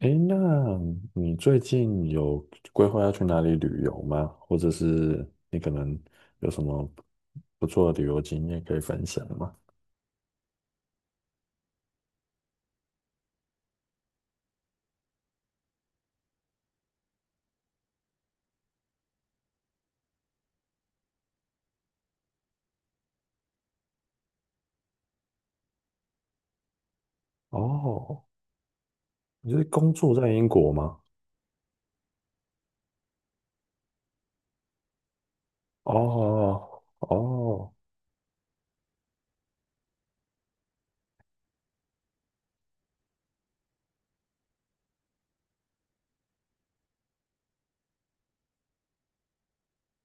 诶，那你最近有规划要去哪里旅游吗？或者是你可能有什么不错的旅游经验可以分享吗？哦，你是工作在英国吗？哦哦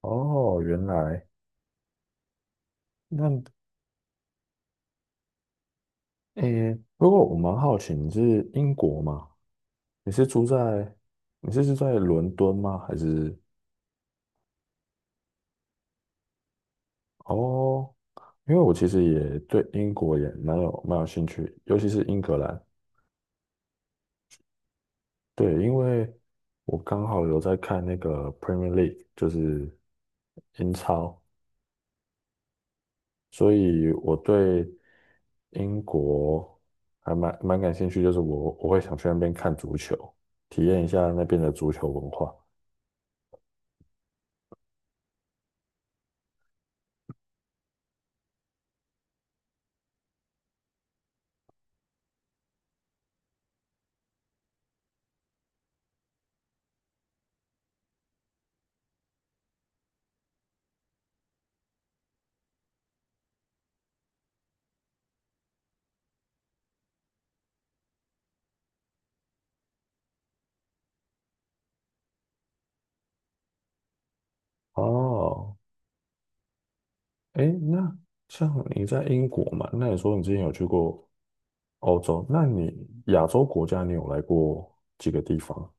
哦，原来那诶，不过我蛮好奇，你是英国吗？你是住在你是住在伦敦吗？还是哦？因为我其实也对英国也蛮有兴趣，尤其是英格兰。对，因为我刚好有在看那个 Premier League,就是英超，所以我对英国还蛮感兴趣，就是我会想去那边看足球，体验一下那边的足球文化。哦，哎，那像你在英国嘛，那你说你之前有去过欧洲，那你亚洲国家你有来过几个地方？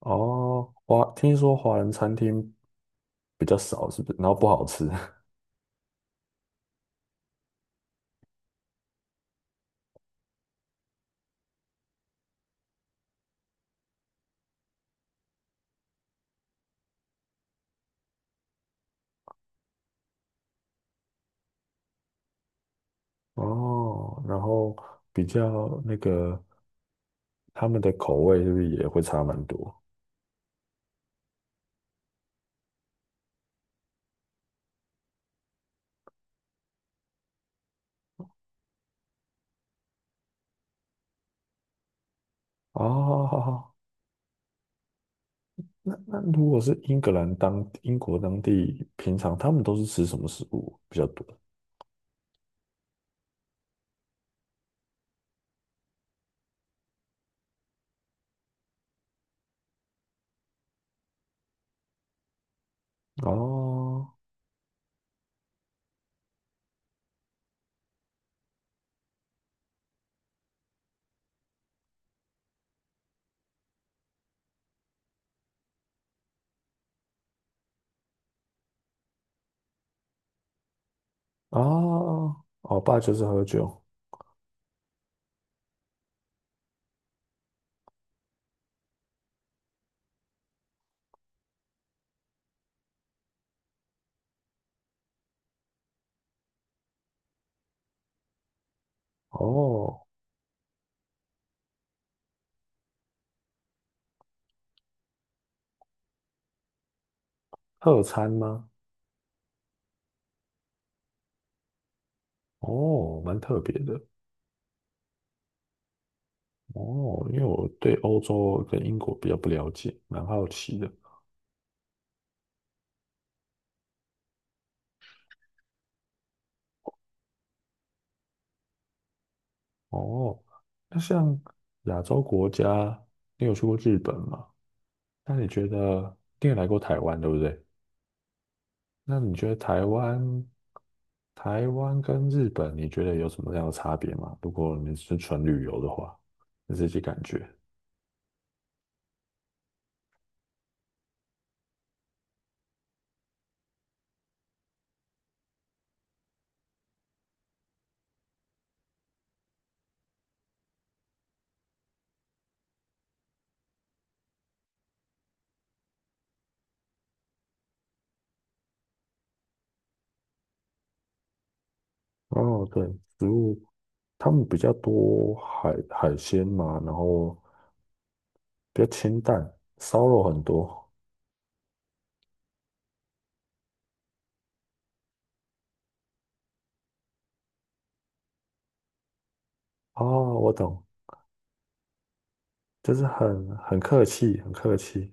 哦，华，听说华人餐厅比较少，是不是？然后不好吃。哦，然后比较那个他们的口味是不是也会差蛮多？哦，好好，那如果是英格兰当英国当地，平常他们都是吃什么食物比较多？哦哦，我爸就是喝酒。哦，特餐吗？哦，蛮特别的。哦，因为我对欧洲跟英国比较不了解，蛮好奇的。哦，那像亚洲国家，你有去过日本吗？那你觉得，你也来过台湾，对不对？那你觉得台湾，台湾跟日本，你觉得有什么样的差别吗？如果你是纯旅游的话，你自己感觉。哦，对，食物他们比较多海鲜嘛，然后比较清淡，烧肉很多。哦，我懂，就是很客气，很客气，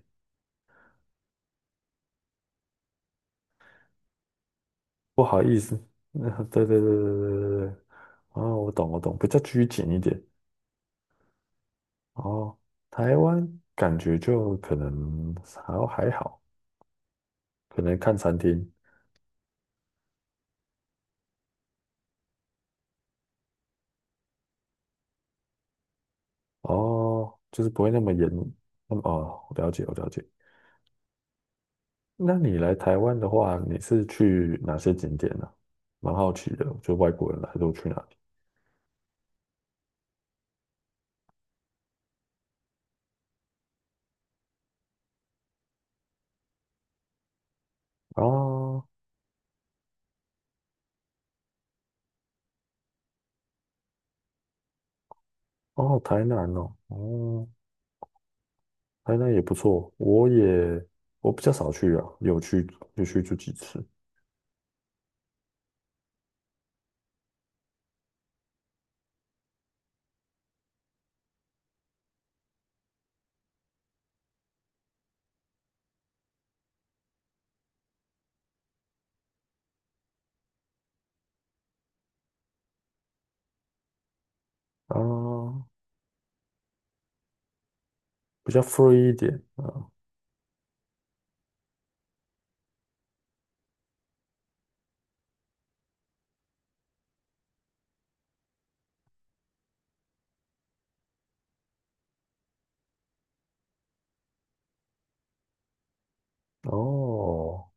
不好意思。对对对对对对对。哦，我懂我懂，比较拘谨一点。哦，台湾感觉就可能还好，可能看餐厅哦，就是不会那么严。那么哦，我了解，我了解。那你来台湾的话，你是去哪些景点呢、蛮好奇的，就外国人来都去哪里？哦哦，台南哦，哦，台南也不错，我也我比较少去啊，有去有去就几次啊，比较 free 一点啊。哦，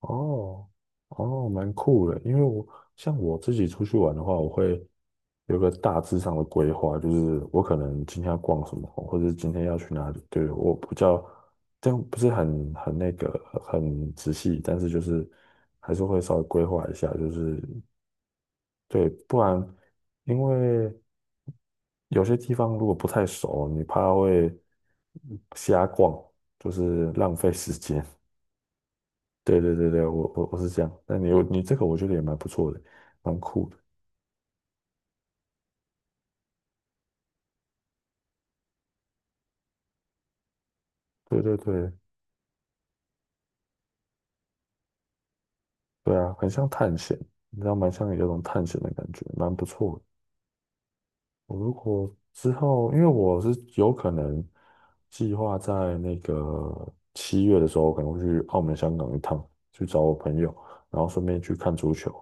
哦，哦，蛮酷的。因为我像我自己出去玩的话，我会有个大致上的规划，就是我可能今天要逛什么，或者是今天要去哪里。对，我比较，样，不是很那个很仔细，但是就是还是会稍微规划一下，就是对，不然因为有些地方如果不太熟，你怕会瞎逛，就是浪费时间。对对对对，我是这样。那你有你这个，我觉得也蛮不错的，蛮酷的。对对对对啊，很像探险，你知道，蛮像有种探险的感觉，蛮不错的。我如果之后，因为我是有可能计划在那个7月的时候，可能会去澳门、香港一趟，去找我朋友，然后顺便去看足球。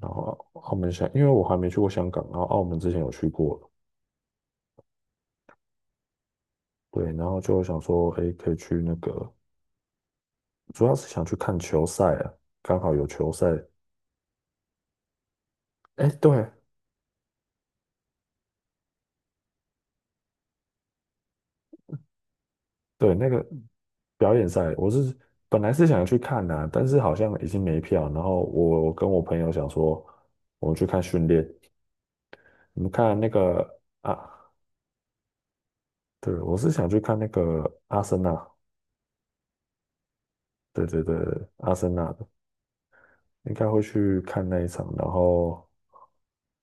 然后澳门香，因为我还没去过香港，然后澳门之前有去过了对，然后就想说，哎，可以去那个。主要是想去看球赛啊，刚好有球赛。哎，对对，那个表演赛，我是本来是想去看的但是好像已经没票。然后我跟我朋友想说，我们去看训练，我们看那个啊，对，我是想去看那个阿森纳，对对对，阿森纳的应该会去看那一场。然后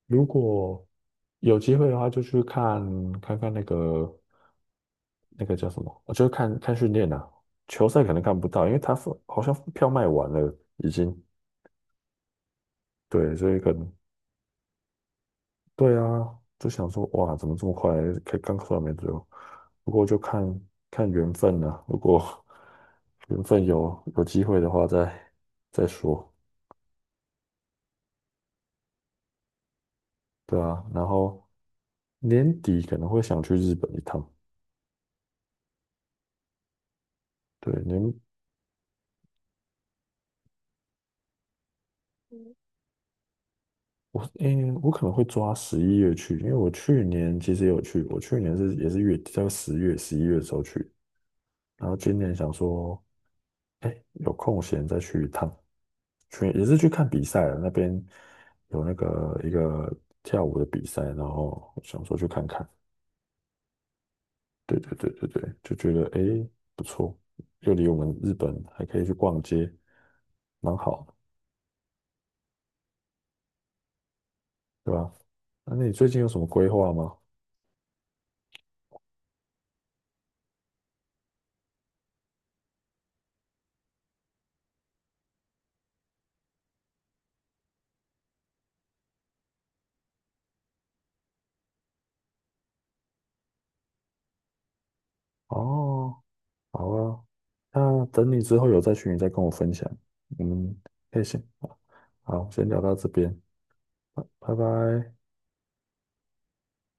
如果有机会的话，就去看看那个那个叫什么？我就是看看训练啊，球赛可能看不到，因为他好像票卖完了，已经对，所以可能对啊，就想说哇，怎么这么快？才刚出来没多久，不过就看看缘分了、如果缘分有机会的话再，再说，对啊。然后年底可能会想去日本一趟，对，年我诶、我可能会抓十一月去，因为我去年其实也有去，我去年是也是月底，在10月、十一月的时候去，然后今年想说，哎，有空闲再去一趟，去也是去看比赛了。那边有那个一个跳舞的比赛，然后想说去看看。对对对对对，就觉得哎不错，又离我们日本还可以去逛街，蛮好的对吧？那你最近有什么规划吗？哦，好啊，那等你之后有在群里再跟我分享，嗯，谢谢以先好，先聊到这边，拜拜。